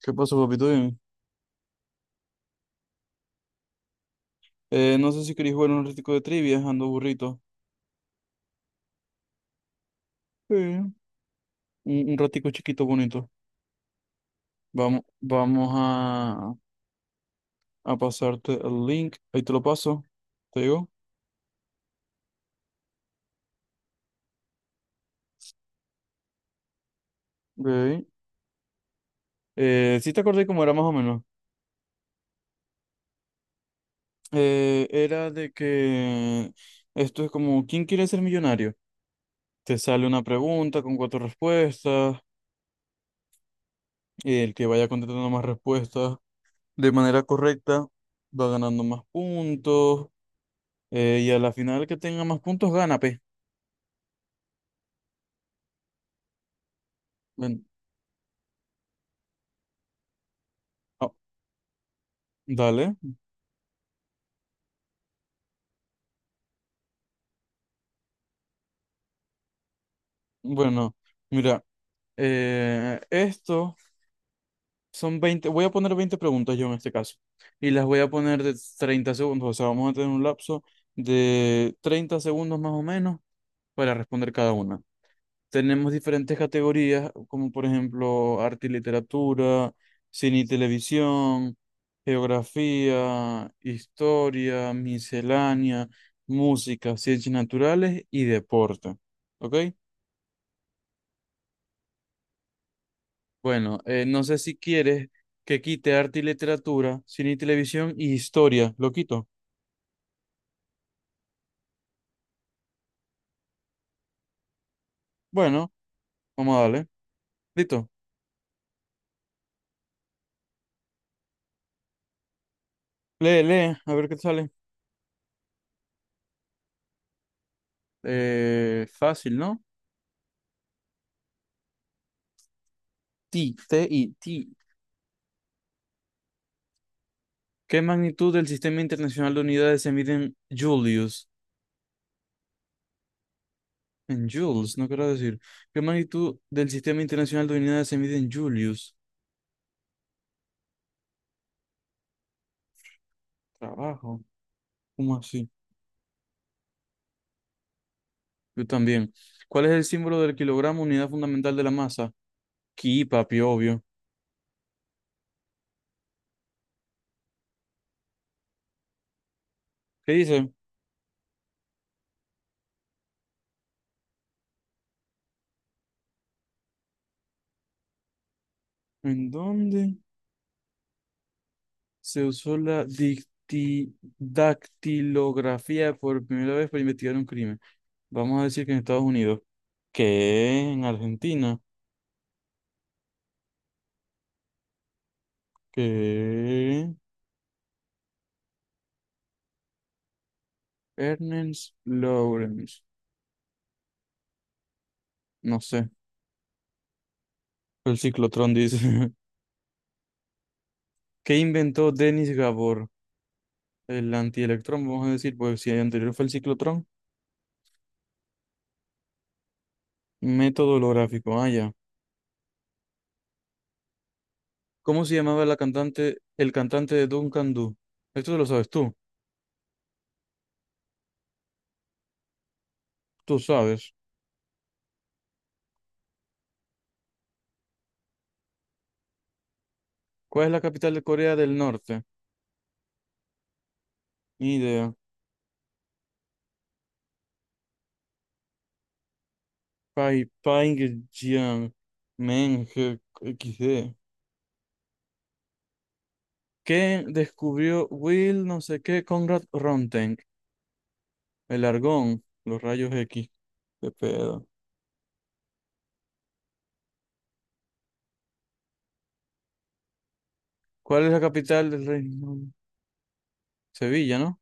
¿Qué pasó, papito? Dime. No sé si queréis jugar un ratico de trivia, ando burrito. Sí. Un ratico chiquito, bonito. Vamos, vamos a pasarte el link. Ahí te lo paso. ¿Te digo? Ok. Sí te acordé cómo era más o menos. Era de que esto es como ¿quién quiere ser millonario? Te sale una pregunta con cuatro respuestas. El que vaya contestando más respuestas de manera correcta va ganando más puntos. Y a la final el que tenga más puntos gana, pe. Ven, oh, dale. Bueno, mira, esto son 20 voy a poner 20 preguntas yo en este caso. Y las voy a poner de 30 segundos, o sea, vamos a tener un lapso de 30 segundos más o menos para responder cada una. Tenemos diferentes categorías, como por ejemplo arte y literatura, cine y televisión, geografía, historia, miscelánea, música, ciencias naturales y deporte. ¿Ok? Bueno, no sé si quieres que quite arte y literatura, cine y televisión y historia. ¿Lo quito? Bueno, vamos a darle. Listo. Lee, lee, a ver qué te sale. Fácil, ¿no? t T-I. ¿Qué magnitud del Sistema Internacional de Unidades se mide en Julius? En joules, no quiero decir. ¿Qué magnitud del Sistema Internacional de Unidades se mide en Julius? Trabajo. ¿Cómo así? Yo también. ¿Cuál es el símbolo del kilogramo, unidad fundamental de la masa? Ki, papi, obvio. ¿Qué dice? ¿En dónde se usó la dactilografía por primera vez para investigar un crimen? Vamos a decir que en Estados Unidos. ¿Qué? ¿En Argentina? ¿Qué? Ernest Lawrence. No sé. El ciclotrón dice. ¿Qué inventó Denis Gabor? El antielectrón, vamos a decir, pues si el anterior fue el ciclotrón. Método holográfico. Ah, ya. ¿Cómo se llamaba la cantante, el cantante de Duncan Du? Esto lo sabes tú. Tú sabes. ¿Cuál es la capital de Corea del Norte? Ni idea. Pyongyang. Men, XD. ¿Qué descubrió Will no sé qué Conrad Ronteng? El argón, los rayos X. Qué pedo. ¿Cuál es la capital del reino? Sevilla, ¿no?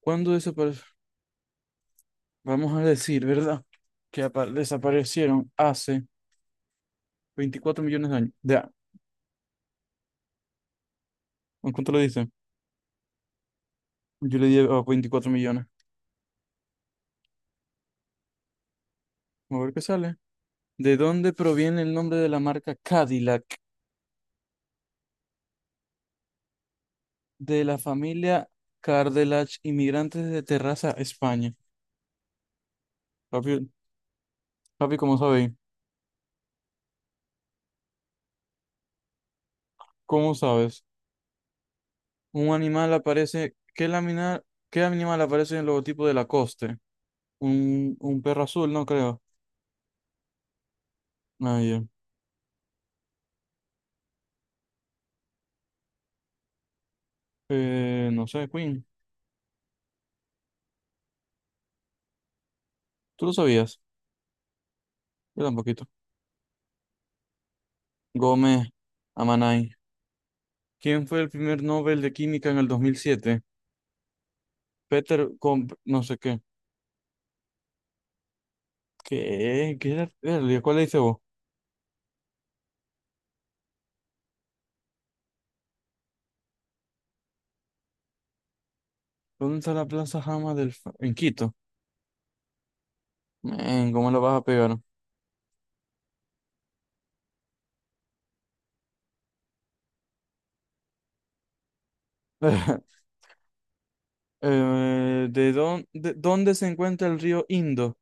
¿Cuándo desapareció? Vamos a decir, ¿verdad? Que desaparecieron hace 24 millones de años. Ya, ¿en ¿cuánto le dice? Yo le di a 24 millones. A ver qué sale. ¿De dónde proviene el nombre de la marca Cadillac? De la familia Cardelach, inmigrantes de Terraza, España. Papi, papi, ¿cómo sabéis? ¿Cómo sabes? Un animal aparece. ¿Qué animal aparece en el logotipo de Lacoste? Un perro azul, no creo. Nadie. No sé, Queen. ¿Tú lo sabías? Yo tampoco. Gómez Amanay. ¿Quién fue el primer Nobel de Química en el 2007? Peter Comp, no sé qué. ¿Qué? ¿Qué era? Verga, ¿cuál le dice vos? ¿Dónde está la Plaza Jama del en Quito? Men, ¿cómo lo vas a pegar? ¿Dónde se encuentra el río Indo?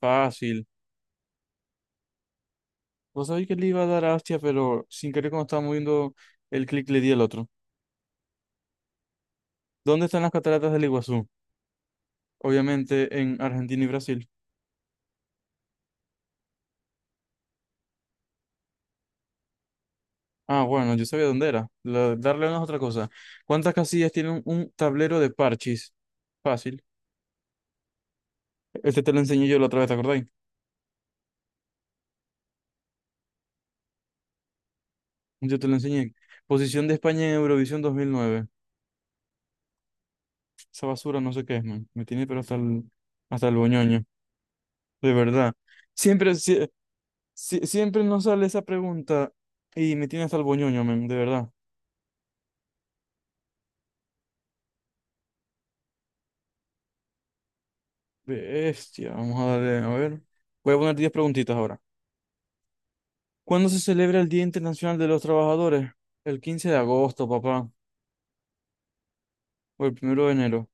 Fácil. Vos sabéis que le iba a dar a Astia, pero sin querer cuando estaba moviendo el clic le di al otro. ¿Dónde están las cataratas del Iguazú? Obviamente en Argentina y Brasil. Ah, bueno, yo sabía dónde era. Darle una es otra cosa. ¿Cuántas casillas tiene un tablero de parchís? Fácil. Este te lo enseñé yo la otra vez, ¿te acordáis? Yo te lo enseñé. Posición de España en Eurovisión 2009. Esa basura no sé qué es, man. Me tiene pero hasta el boñoño. De verdad. Siempre, sie- siempre nos sale esa pregunta y me tiene hasta el boñoño, man. De verdad. Bestia. Vamos a darle, a ver. Voy a poner 10 preguntitas ahora. ¿Cuándo se celebra el Día Internacional de los Trabajadores? El 15 de agosto, papá, o el 1 de enero.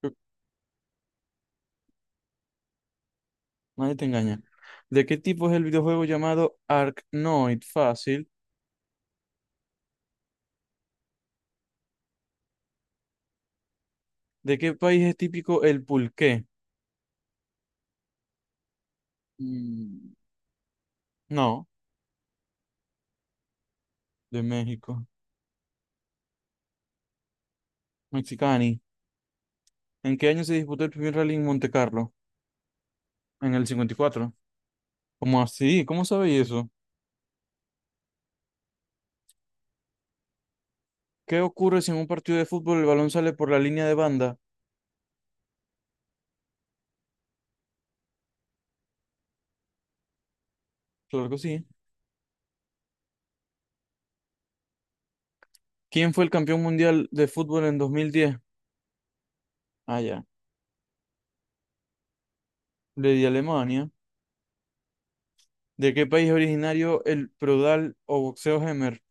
Creo- Nadie te engaña. ¿De qué tipo es el videojuego llamado Arknoid? Fácil. ¿De qué país es típico el pulqué? Mm, No, de México. Mexicani. ¿En qué año se disputó el primer rally en Monte Carlo? En el 54. ¿Cómo así? ¿Cómo sabéis eso? ¿Qué ocurre si en un partido de fútbol el balón sale por la línea de banda? Claro que sí. ¿Quién fue el campeón mundial de fútbol en 2010? Ah, ya. Le di a Alemania. ¿De qué país es originario el Prodal o boxeo Hemer?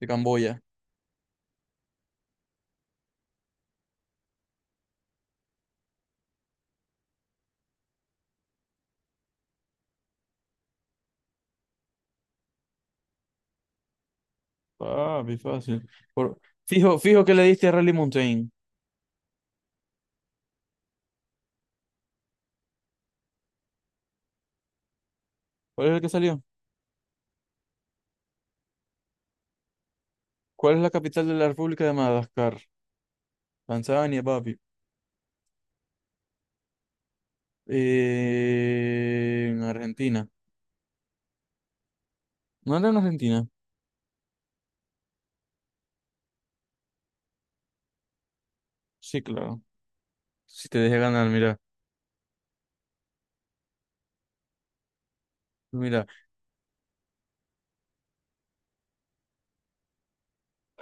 De Camboya. Papi, fácil. Por- Fijo, fijo que le diste a Rally Mountain. ¿Cuál es el que salió? ¿Cuál es la capital de la República de Madagascar? Tanzania, papi. En Argentina. ¿No era en Argentina? Sí, claro. Si te dejé ganar, mira. Mira.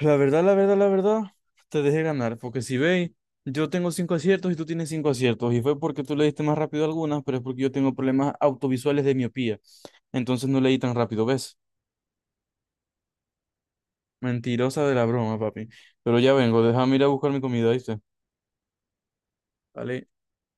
La verdad, la verdad, la verdad, te dejé ganar, porque si veis, yo tengo cinco aciertos y tú tienes cinco aciertos, y fue porque tú le diste más rápido algunas, pero es porque yo tengo problemas autovisuales de miopía, entonces no leí tan rápido, ¿ves? Mentirosa de la broma, papi. Pero ya vengo, déjame ir a buscar mi comida, ¿viste? Vale.